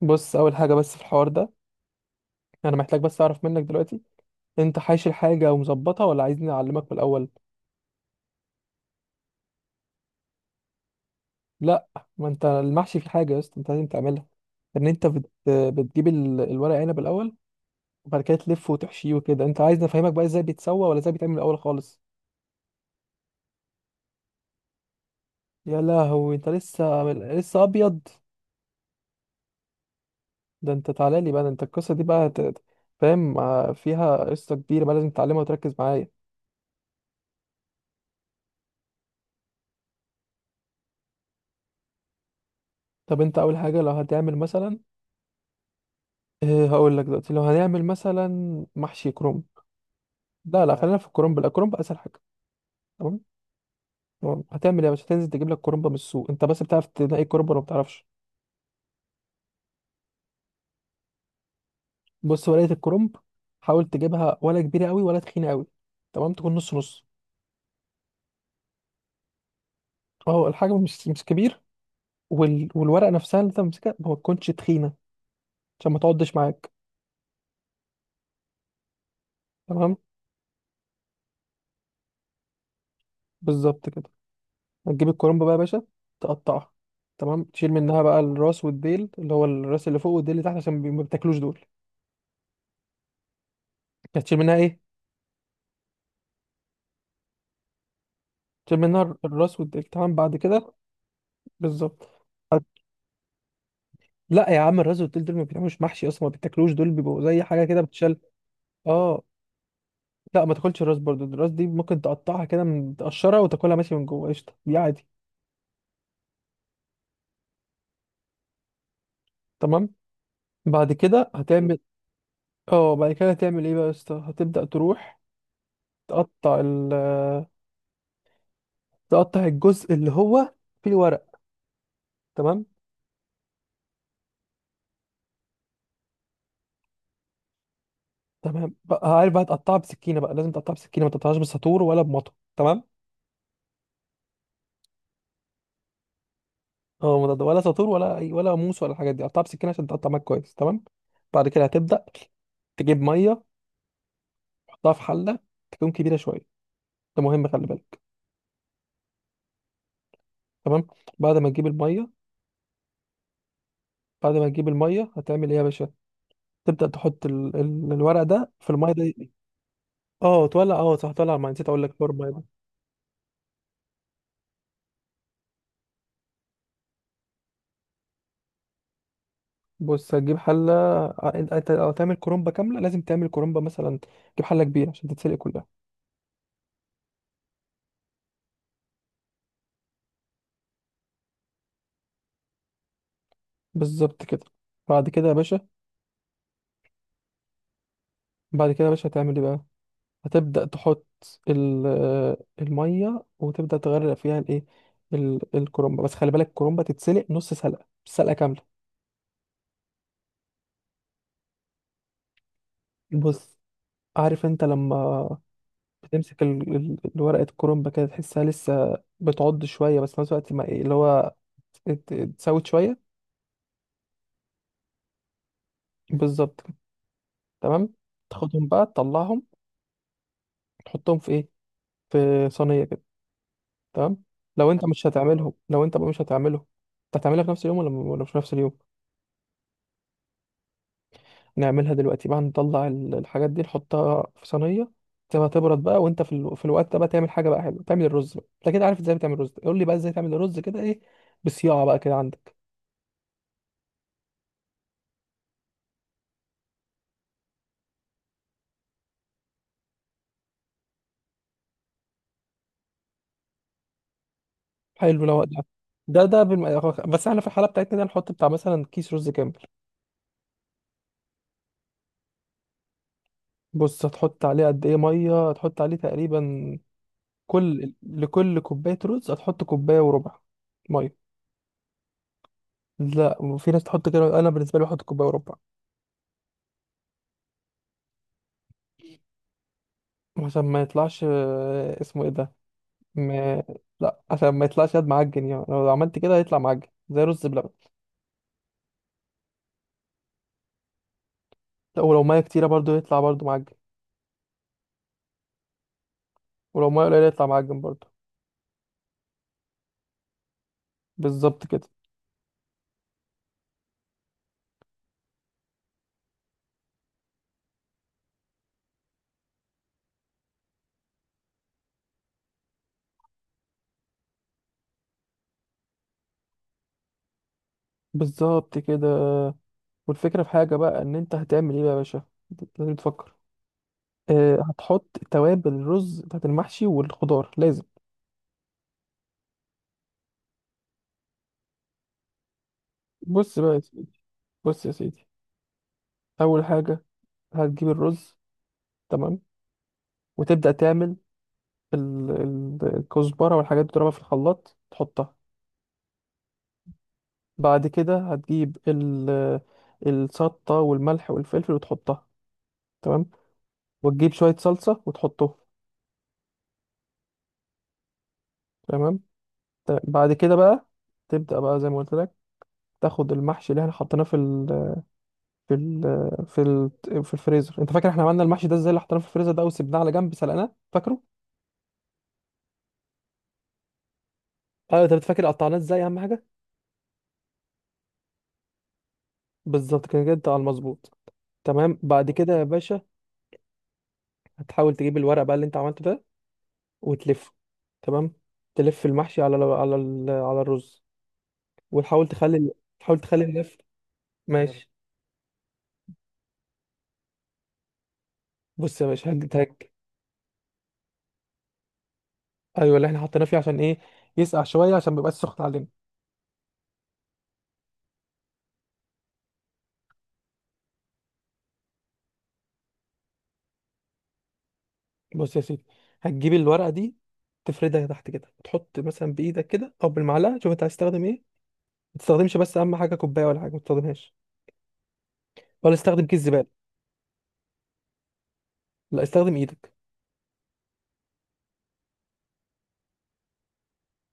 بص، اول حاجه بس في الحوار ده. انا محتاج بس اعرف منك دلوقتي، انت حايش الحاجه ومظبطها ولا عايزني اعلمك من الاول؟ لا، ما انت المحشي في حاجه يا اسطى انت لازم تعملها، ان انت بتجيب الورق عنب الاول، وبعد كده تلفه وتحشيه وكده. انت عايزني افهمك بقى ازاي بيتسوى ولا ازاي بيتعمل الاول خالص؟ يا لهوي، انت لسه ابيض؟ ده انت تعالى لي بقى، ده انت القصه دي بقى فاهم؟ آه، فيها قصه كبيره بقى لازم تتعلمها وتركز معايا. طب انت اول حاجه لو هتعمل مثلا، هقول لك دلوقتي لو هنعمل مثلا محشي كرنب. لا خلينا في الكرنب، لا، الكرنب اسهل حاجه. تمام. تمام. هتعمل ايه يا باشا؟ هتنزل تجيب لك كرنب من السوق. انت بس بتعرف تنقي الكرنب ولا ما بتعرفش؟ بص، ورقه الكرنب حاول تجيبها ولا كبيره قوي ولا تخينه قوي، تمام، تكون نص نص. اه، الحجم مش كبير، والورقه نفسها اللي انت ماسكها ما تكونش تخينه، عشان ما تقعدش معاك. تمام. بالظبط كده. هتجيب الكرنب بقى يا باشا، تقطعها، تمام، تشيل منها بقى الراس والديل، اللي هو الراس اللي فوق والديل اللي تحت، عشان ما بتاكلوش دول. هتشيل منها ايه؟ تشيل منها الراس والديل. تمام بعد كده. بالظبط. لا يا عم، الراس والتل دول ما بيتعملوش محشي اصلا، ما بيتاكلوش دول، بيبقوا زي حاجه كده بتشال. اه. لا ما تاكلش الراس برضو، الراس دي ممكن تقطعها كده تقشرها وتاكلها ماشي، من جوه قشطه دي عادي. تمام. بعد كده هتعمل. اه، بعد كده هتعمل ايه بقى يا اسطى؟ هتبدا تروح تقطع تقطع الجزء اللي هو فيه الورق. تمام. تمام بقى. عارف بقى تقطعها بسكينه بقى، لازم تقطعها بسكينه، ما تقطعهاش بساطور ولا بمطو. تمام. اه، مضاد ولا ساطور ولا اي ولا موس ولا الحاجات دي، قطعها بسكينه عشان تقطع معاك كويس. تمام. بعد كده هتبدا تجيب ميه، تحطها في حله تكون كبيره شويه، ده مهم خلي بالك. تمام. بعد ما تجيب الميه، بعد ما تجيب الميه هتعمل ايه يا باشا؟ تبدا تحط الورق ده في الميه دي. اه تولع، اه صح، تولع الميه، نسيت اقول لك حوار الميه ده. بص، هتجيب حله. ع- انت أنت لو هتعمل كرومبه كامله لازم تعمل كرومبه مثلا، تجيب حله كبيره عشان تتسلق كلها. بالظبط كده. بعد كده يا باشا. بعد كده يا باشا هتعمل ايه بقى؟ هتبدأ تحط آه، المية وتبدأ تغرق فيها الايه، الكرنبة. بس خلي بالك الكرنبة تتسلق نص سلقة، مش سلقة كاملة. بص، عارف انت لما بتمسك الورقة الكرنبة كده، تحسها لسه بتعض شوية، بس في نفس الوقت ما إيه اللي هو اتسوت شوية. بالظبط كده. تمام. تاخدهم بقى تطلعهم، تحطهم في ايه، في صينية كده. تمام. لو انت مش هتعملهم، لو انت بقى مش هتعملهم، انت هتعملها في نفس اليوم ولا مش في نفس اليوم؟ نعملها دلوقتي بقى، نطلع الحاجات دي نحطها في صينية، تسيبها تبرد بقى، وانت في, في الوقت ده بقى تعمل حاجة بقى حلوة، تعمل الرز بقى. انت كده عارف ازاي بتعمل الرز؟ قول لي بقى ازاي تعمل الرز كده، ايه بصياعة بقى كده عندك. حلو لو ده. ده ده بالم... بس احنا في الحالة بتاعتنا ده نحط بتاع مثلا كيس رز كامل. بص هتحط عليه قد ايه مية، هتحط عليه تقريبا، كل لكل كوباية رز هتحط كوباية وربع مية. لا، وفي ناس تحط كده، انا بالنسبة لي بحط كوباية وربع، عشان ما يطلعش آه، اسمه ايه ده، م... لا عشان ما يطلعش يد معجن يعني، لو عملت كده هيطلع معجن زي رز بلبن. لا ولو ميه كتيره برضو يطلع برضو معجن، ولو ميه قليله يطلع معجن برضو. بالظبط كده. بالظبط كده. والفكره في حاجه بقى، ان انت هتعمل ايه بقى يا باشا، أنت لازم تفكر. اه، هتحط توابل الرز بتاعت المحشي والخضار لازم. بص بقى يا سيدي. بص يا سيدي، اول حاجه هتجيب الرز، تمام، وتبدا تعمل الكزبره والحاجات دي، تضربها في الخلاط تحطها. بعد كده هتجيب الشطة والملح والفلفل وتحطها. تمام. وتجيب شوية صلصة وتحطهم. تمام. بعد كده بقى تبدأ بقى زي ما قلت لك، تاخد المحشي اللي احنا حطيناه في ال في ال في ال في الفريزر. انت فاكر احنا عملنا المحشي ده ازاي، اللي حطيناه في الفريزر ده وسبناه على جنب سلقناه، فاكره؟ اه، انت فاكر قطعناه ازاي، اهم حاجه. بالظبط كده، كده انت على المظبوط. تمام بعد كده يا باشا، هتحاول تجيب الورق بقى اللي انت عملته ده وتلفه. تمام. تلف المحشي على الرز، وتحاول تخلي، تحاول تخلي النفط يلا. ماشي. بص يا باشا هتجيب هك. ايوه اللي احنا حطيناه فيه، عشان ايه؟ يسقع شويه عشان ما يبقاش سخن علينا. بص يا سيدي، هتجيب الورقه دي تفردها تحت كده، وتحط مثلا بايدك كده او بالمعلقه، شوف انت هتستخدم ايه. ما تستخدمش بس اهم حاجه كوبايه ولا حاجه ما تستخدمهاش، ولا استخدم كيس زباله. لا، استخدم ايدك،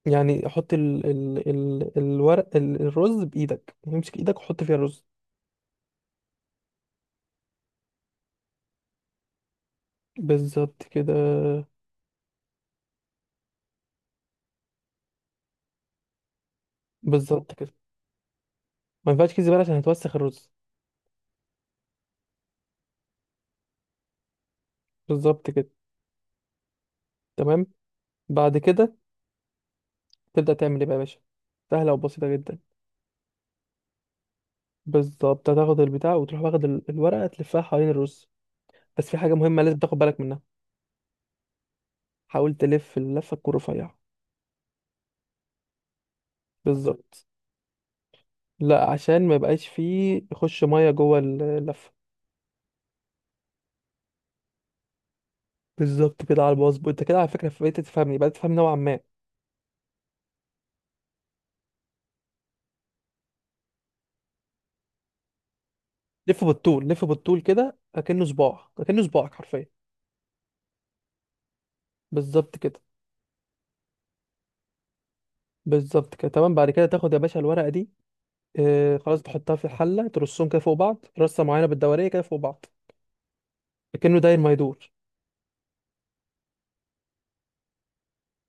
يعني حط ال ال ال الورق الرز بايدك، امسك ايدك وحط فيها الرز. بالظبط كده. بالظبط كده. ما ينفعش كيس زباله عشان هتوسخ الرز. بالظبط كده. تمام. بعد كده تبدأ تعمل ايه بقى يا باشا؟ سهلة وبسيطة جدا. بالظبط، هتاخد البتاع وتروح واخد الورقة تلفها حوالين الرز، بس في حاجة مهمة لازم تاخد بالك منها. حاول تلف اللفة تكون رفيعة. بالظبط. لا عشان ما يبقاش فيه يخش مية جوه اللفة. بالظبط كده. على الباص انت كده، على فكرة بقيت تفهمني، بقيت تفهم نوعا ما. لف بالطول، لف بالطول كده اكنه صباع، اكنه صباعك حرفيا. بالظبط كده. بالظبط كده. تمام بعد كده تاخد يا باشا الورقة دي، آه خلاص تحطها في الحلة، ترصهم كده فوق بعض رصة معينة بالدورية كده فوق بعض، كأنه داير ما يدور.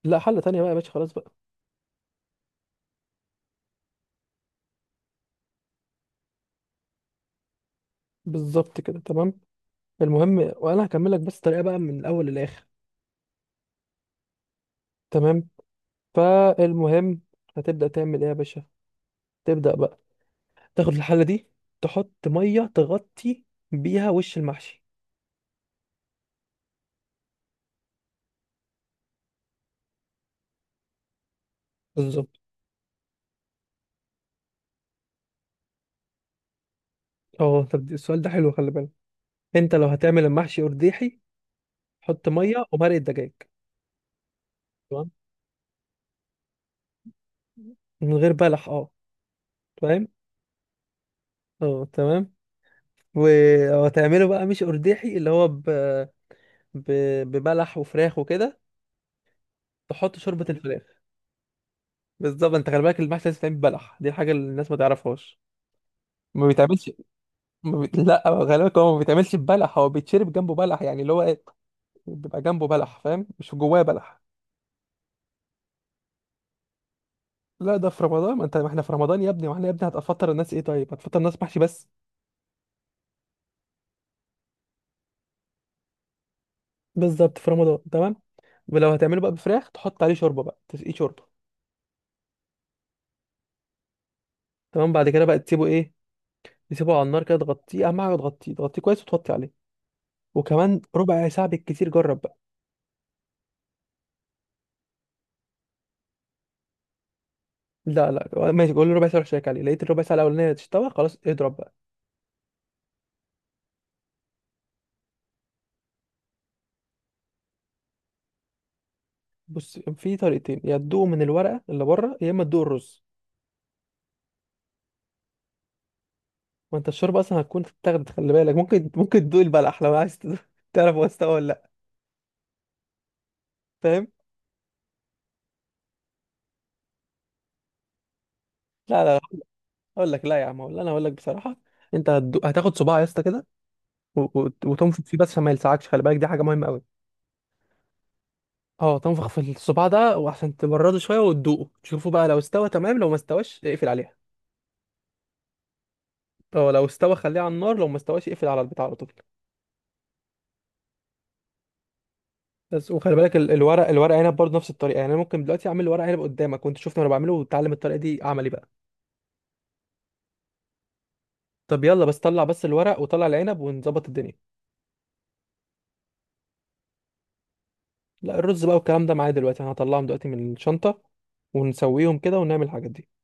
لا، حل تانية بقى يا باشا خلاص بقى. بالظبط كده. تمام. المهم وانا هكمل لك بس الطريقه بقى من الاول للاخر. تمام. فالمهم، هتبدا تعمل ايه يا باشا؟ تبدا بقى تاخد الحله دي، تحط ميه تغطي بيها وش المحشي. بالظبط. اه طب السؤال ده حلو، خلي بالك. انت لو هتعمل المحشي ارديحي، حط ميه ومرق دجاج. تمام. من غير بلح، اه. فاهم. اه تمام. وهتعمله بقى مش ارديحي، اللي هو ب... ببلح وفراخ وكده، تحط شوربه الفراخ. بالظبط. انت خلي بالك، المحشي لازم يتعمل ببلح، دي الحاجه اللي الناس ما تعرفش ما بيتعملش. ما بي... لا. خلي بالك، هو ما بيتعملش ببلح، هو بيتشرب جنبه بلح، يعني اللي هو ايه، بيبقى جنبه بلح، فاهم، مش جواه بلح. لا ده في رمضان، ما انت ما احنا في رمضان يا ابني، ما احنا يا ابني هتفطر الناس ايه طيب؟ هتفطر الناس محشي بس. بالظبط في رمضان. تمام. ولو هتعمله بقى بفراخ تحط عليه شوربه بقى، تسقيه شوربه. تمام. بعد كده بقى تسيبه ايه، تسيبه على النار كده، تغطيه اهم حاجه، تغطيه، تغطيه كويس وتغطي عليه وكمان ربع ساعه بالكتير، جرب. لا لا ماشي، قول له ربع ساعه، روح شيك عليه، لقيت الربع ساعه الاولانيه تستوى، خلاص اضرب بقى. بص، في طريقتين، يا تدوق من الورقه اللي بره، يا اما تدوق الرز. ما انت الشوربه اصلا هتكون تاخد، خلي بالك، ممكن ممكن تدوق البلح لو عايز تعرف هو استوى ولا لا. فاهم. لا لا لا. اقول لك، لا يا عم، اقول انا اقول لك بصراحه. انت هتدوق، هتاخد صباع يا اسطى كده، وتنفخ فيه بس عشان ما يلسعكش، خلي بالك دي حاجه مهمه قوي. اه تنفخ في الصباع ده وعشان تبرده شويه وتدوقه، تشوفه بقى لو استوى تمام، لو ما استواش اقفل عليها. اه لو استوى خليه على النار، لو ما استواش اقفل على البتاع على طول. بس وخلي بالك الورق، الورق عنب برضه نفس الطريقه، يعني انا ممكن دلوقتي اعمل ورق عنب قدامك وانت شفت انا بعمله وتعلم الطريقه دي عملي بقى. طب يلا، بس طلع بس الورق وطلع العنب ونظبط الدنيا. لا الرز بقى والكلام ده معايا دلوقتي، انا هطلعهم دلوقتي من الشنطه ونسويهم كده ونعمل الحاجات دي.